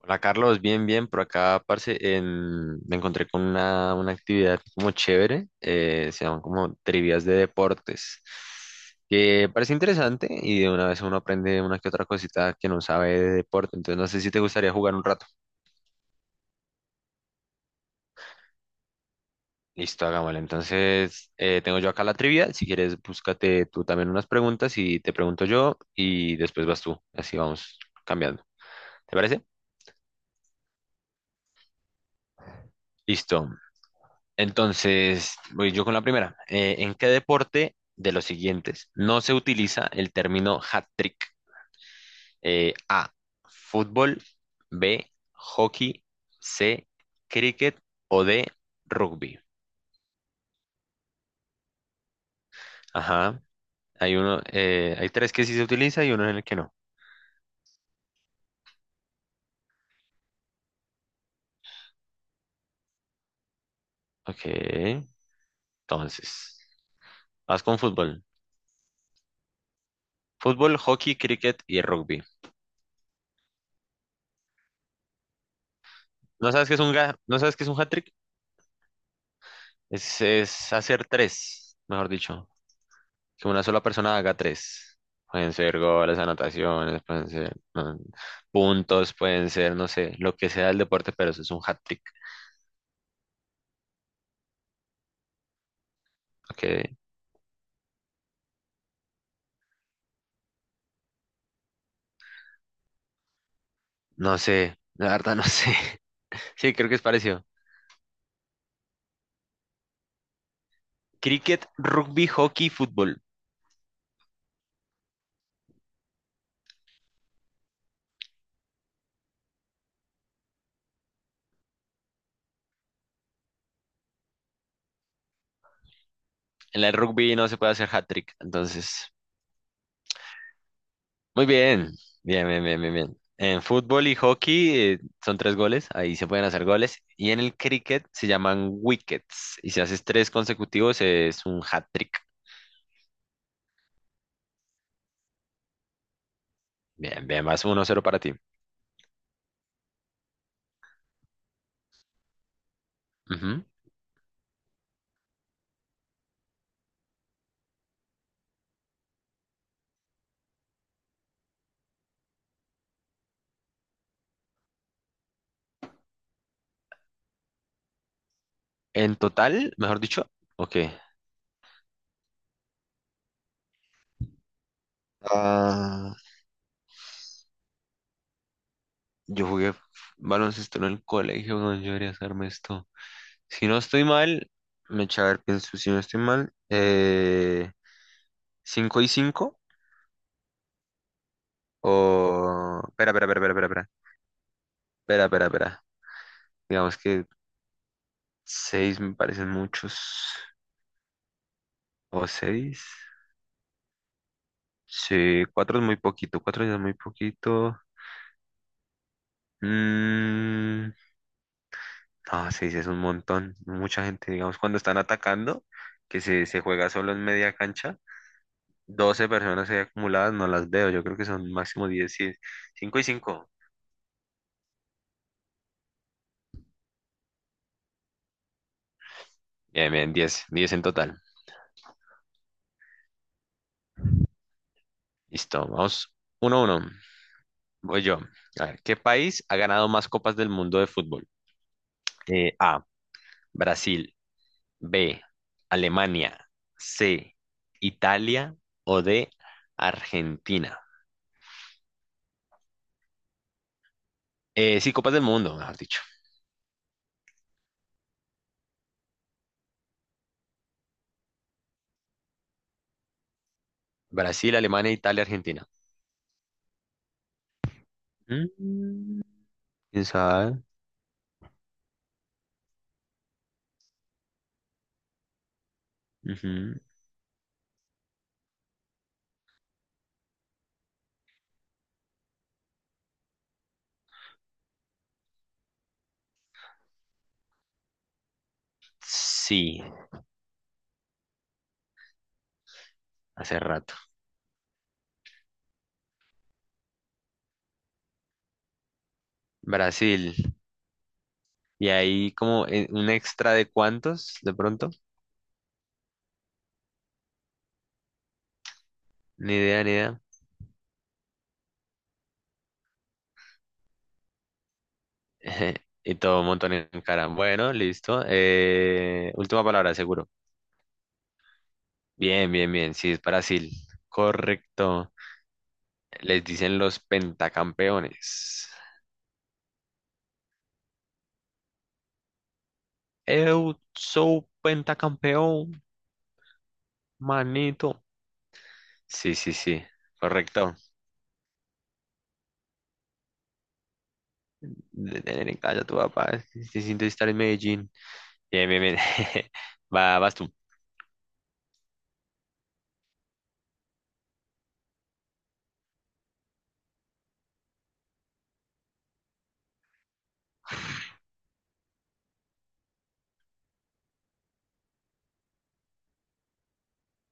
Hola Carlos, bien, bien, por acá, parce, me encontré con una actividad como chévere, se llaman como trivias de deportes, que parece interesante y de una vez uno aprende una que otra cosita que no sabe de deporte, entonces no sé si te gustaría jugar un rato. Listo, hagámosle. Entonces, tengo yo acá la trivia, si quieres búscate tú también unas preguntas y te pregunto yo y después vas tú, así vamos cambiando. ¿Te parece? Listo. Entonces, voy yo con la primera. ¿En qué deporte de los siguientes no se utiliza el término hat-trick? A, fútbol, B, hockey, C, cricket o D, rugby. Ajá, hay uno, hay tres que sí se utiliza y uno en el que no. Ok, entonces, vas con fútbol. Fútbol, hockey, cricket y rugby. ¿No sabes qué es un, ¿no sabes qué es un hat-trick? Es hacer tres, mejor dicho. Que una sola persona haga tres. Pueden ser goles, anotaciones, pueden ser puntos, pueden ser, no sé, lo que sea el deporte, pero eso es un hat-trick. Ok. No sé, la verdad no sé. Sí, creo que es parecido. Cricket, rugby, hockey, fútbol. En el rugby no se puede hacer hat-trick, entonces. Muy bien, bien, bien, bien, bien, bien. En fútbol y hockey son tres goles, ahí se pueden hacer goles. Y en el cricket se llaman wickets. Y si haces tres consecutivos es un hat-trick. Bien, bien, vas uno cero para ti. Ujú. En total, mejor dicho, ok. Ah, yo jugué baloncesto en el colegio, no, yo debería hacerme esto. Si no estoy mal, me echa a ver, pienso, si no estoy mal, 5 y 5 o... Espera, espera, espera, espera, espera, espera, espera, espera. Digamos que 6 me parecen muchos, o seis. Sí, 4 es muy poquito, 4 ya es muy poquito. Mm. Ah, sí, sí, es un montón. Mucha gente, digamos, cuando están atacando, que se juega solo en media cancha, 12 personas ahí acumuladas, no las veo. Yo creo que son máximo 10, cinco y cinco. Bien, bien, 10, 10 en total. Listo, vamos 1 uno. Voy yo. A ver, ¿qué país ha ganado más copas del mundo de fútbol? A, Brasil, B, Alemania, C, Italia o D, Argentina. Sí, copas del mundo, mejor dicho. Brasil, Alemania, Italia, Argentina. Mm. ¿Quién sabe? Ujú. Sí, hace rato. Brasil. Y ahí como un extra de cuántos, de pronto. Ni idea, ni idea. Y todo un montón en cara. Bueno, listo. Última palabra, seguro. Bien, bien, bien. Sí, es Brasil. Correcto. Les dicen los pentacampeones. Eu sou pentacampeón, manito. Sí, sí, sí. Correcto. De tener en casa a tu papá. Si se siente estar en Medellín. Bien, bien, bien. Va, vas tú.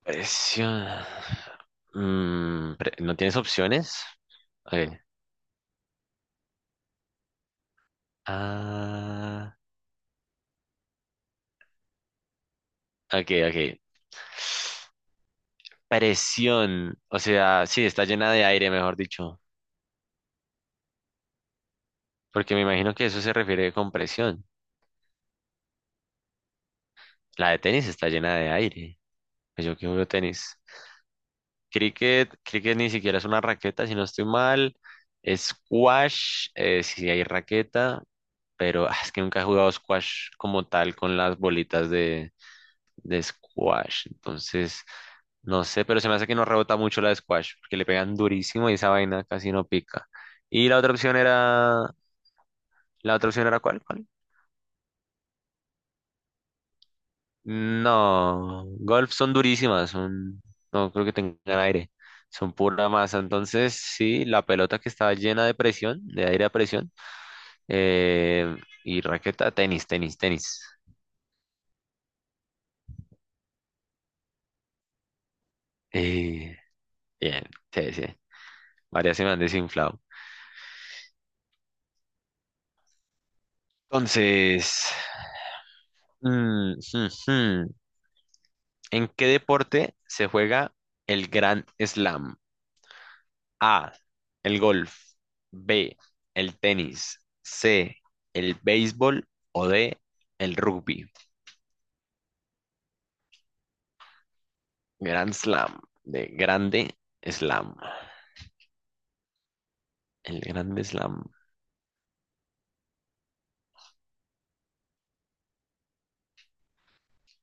Presión. Mm, ¿no tienes opciones? Ok. Ah, ok, ok. Presión. O sea, sí, está llena de aire, mejor dicho. Porque me imagino que eso se refiere con presión. La de tenis está llena de aire. Pues yo que juego tenis. Cricket, cricket ni siquiera es una raqueta, si no estoy mal. Squash, si hay raqueta. Pero ah, es que nunca he jugado squash como tal con las bolitas de squash. Entonces, no sé, pero se me hace que no rebota mucho la de squash, porque le pegan durísimo y esa vaina casi no pica. Y la otra opción era, ¿la otra opción era cuál? ¿Cuál? No, golf son durísimas, son, no creo que tengan aire, son pura masa. Entonces, sí, la pelota que estaba llena de presión, de aire a presión, eh, y raqueta, tenis, tenis, tenis. Eh, bien, sí, sí. Varias se me han desinflado. Entonces, mm, mm, mm. ¿En qué deporte se juega el Grand Slam? A, el golf, B, el tenis, C, el béisbol o D, el rugby. Grand Slam, de Grande Slam. El Grande Slam.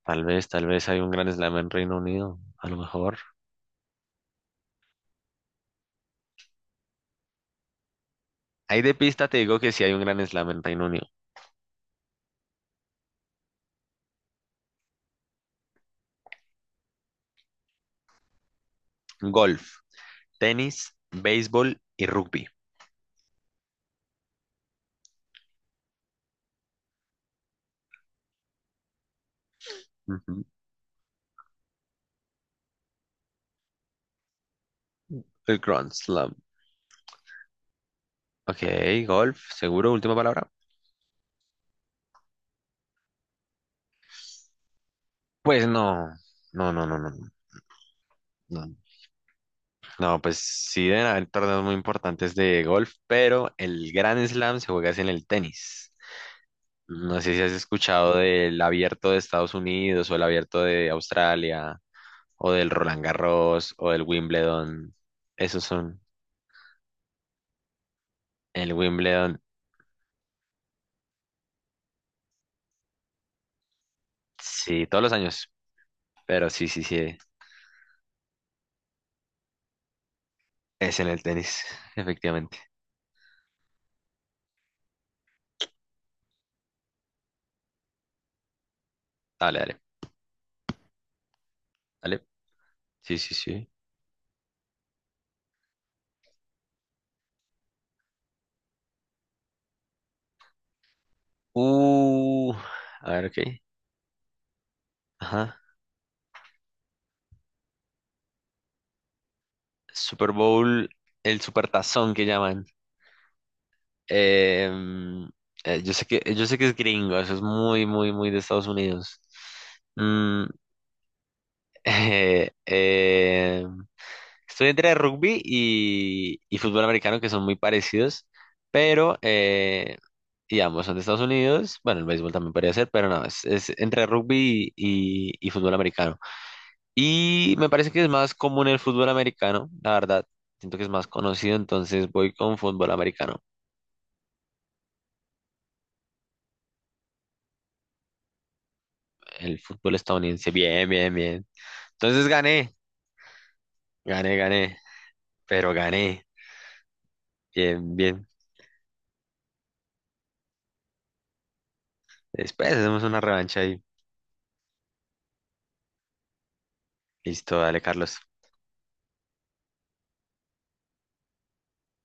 Tal vez hay un Grand Slam en Reino Unido, a lo mejor. Ahí de pista te digo que sí hay un Grand Slam en Reino Unido. Golf, tenis, béisbol y rugby. Ujú. El Grand Slam. Ok, golf, seguro, última palabra. Pues no, no, no, no, no, no. No, no, pues sí deben haber torneos muy importantes de golf, pero el Grand Slam se juega es en el tenis. No sé si has escuchado del abierto de Estados Unidos o el abierto de Australia o del Roland Garros o del Wimbledon. Esos son el Wimbledon, sí, todos los años, pero sí, sí, sí, es en el tenis, efectivamente. Dale, dale, dale. Sí, sí, sí. Uh, a ver, ok. Ajá. Super Bowl, el supertazón que llaman. Em, yo sé que es gringo, eso es muy, muy, muy de Estados Unidos. Mm. eh, eh, estoy entre rugby y fútbol americano, que son muy parecidos, pero y ambos son de Estados Unidos. Bueno, el béisbol también podría ser, pero no, es entre rugby y fútbol americano. Y me parece que es más común el fútbol americano, la verdad. Siento que es más conocido, entonces voy con fútbol americano. El fútbol estadounidense, bien, bien, bien. Entonces gané, gané, gané, pero gané. Bien, bien. Después hacemos una revancha y listo, dale, Carlos.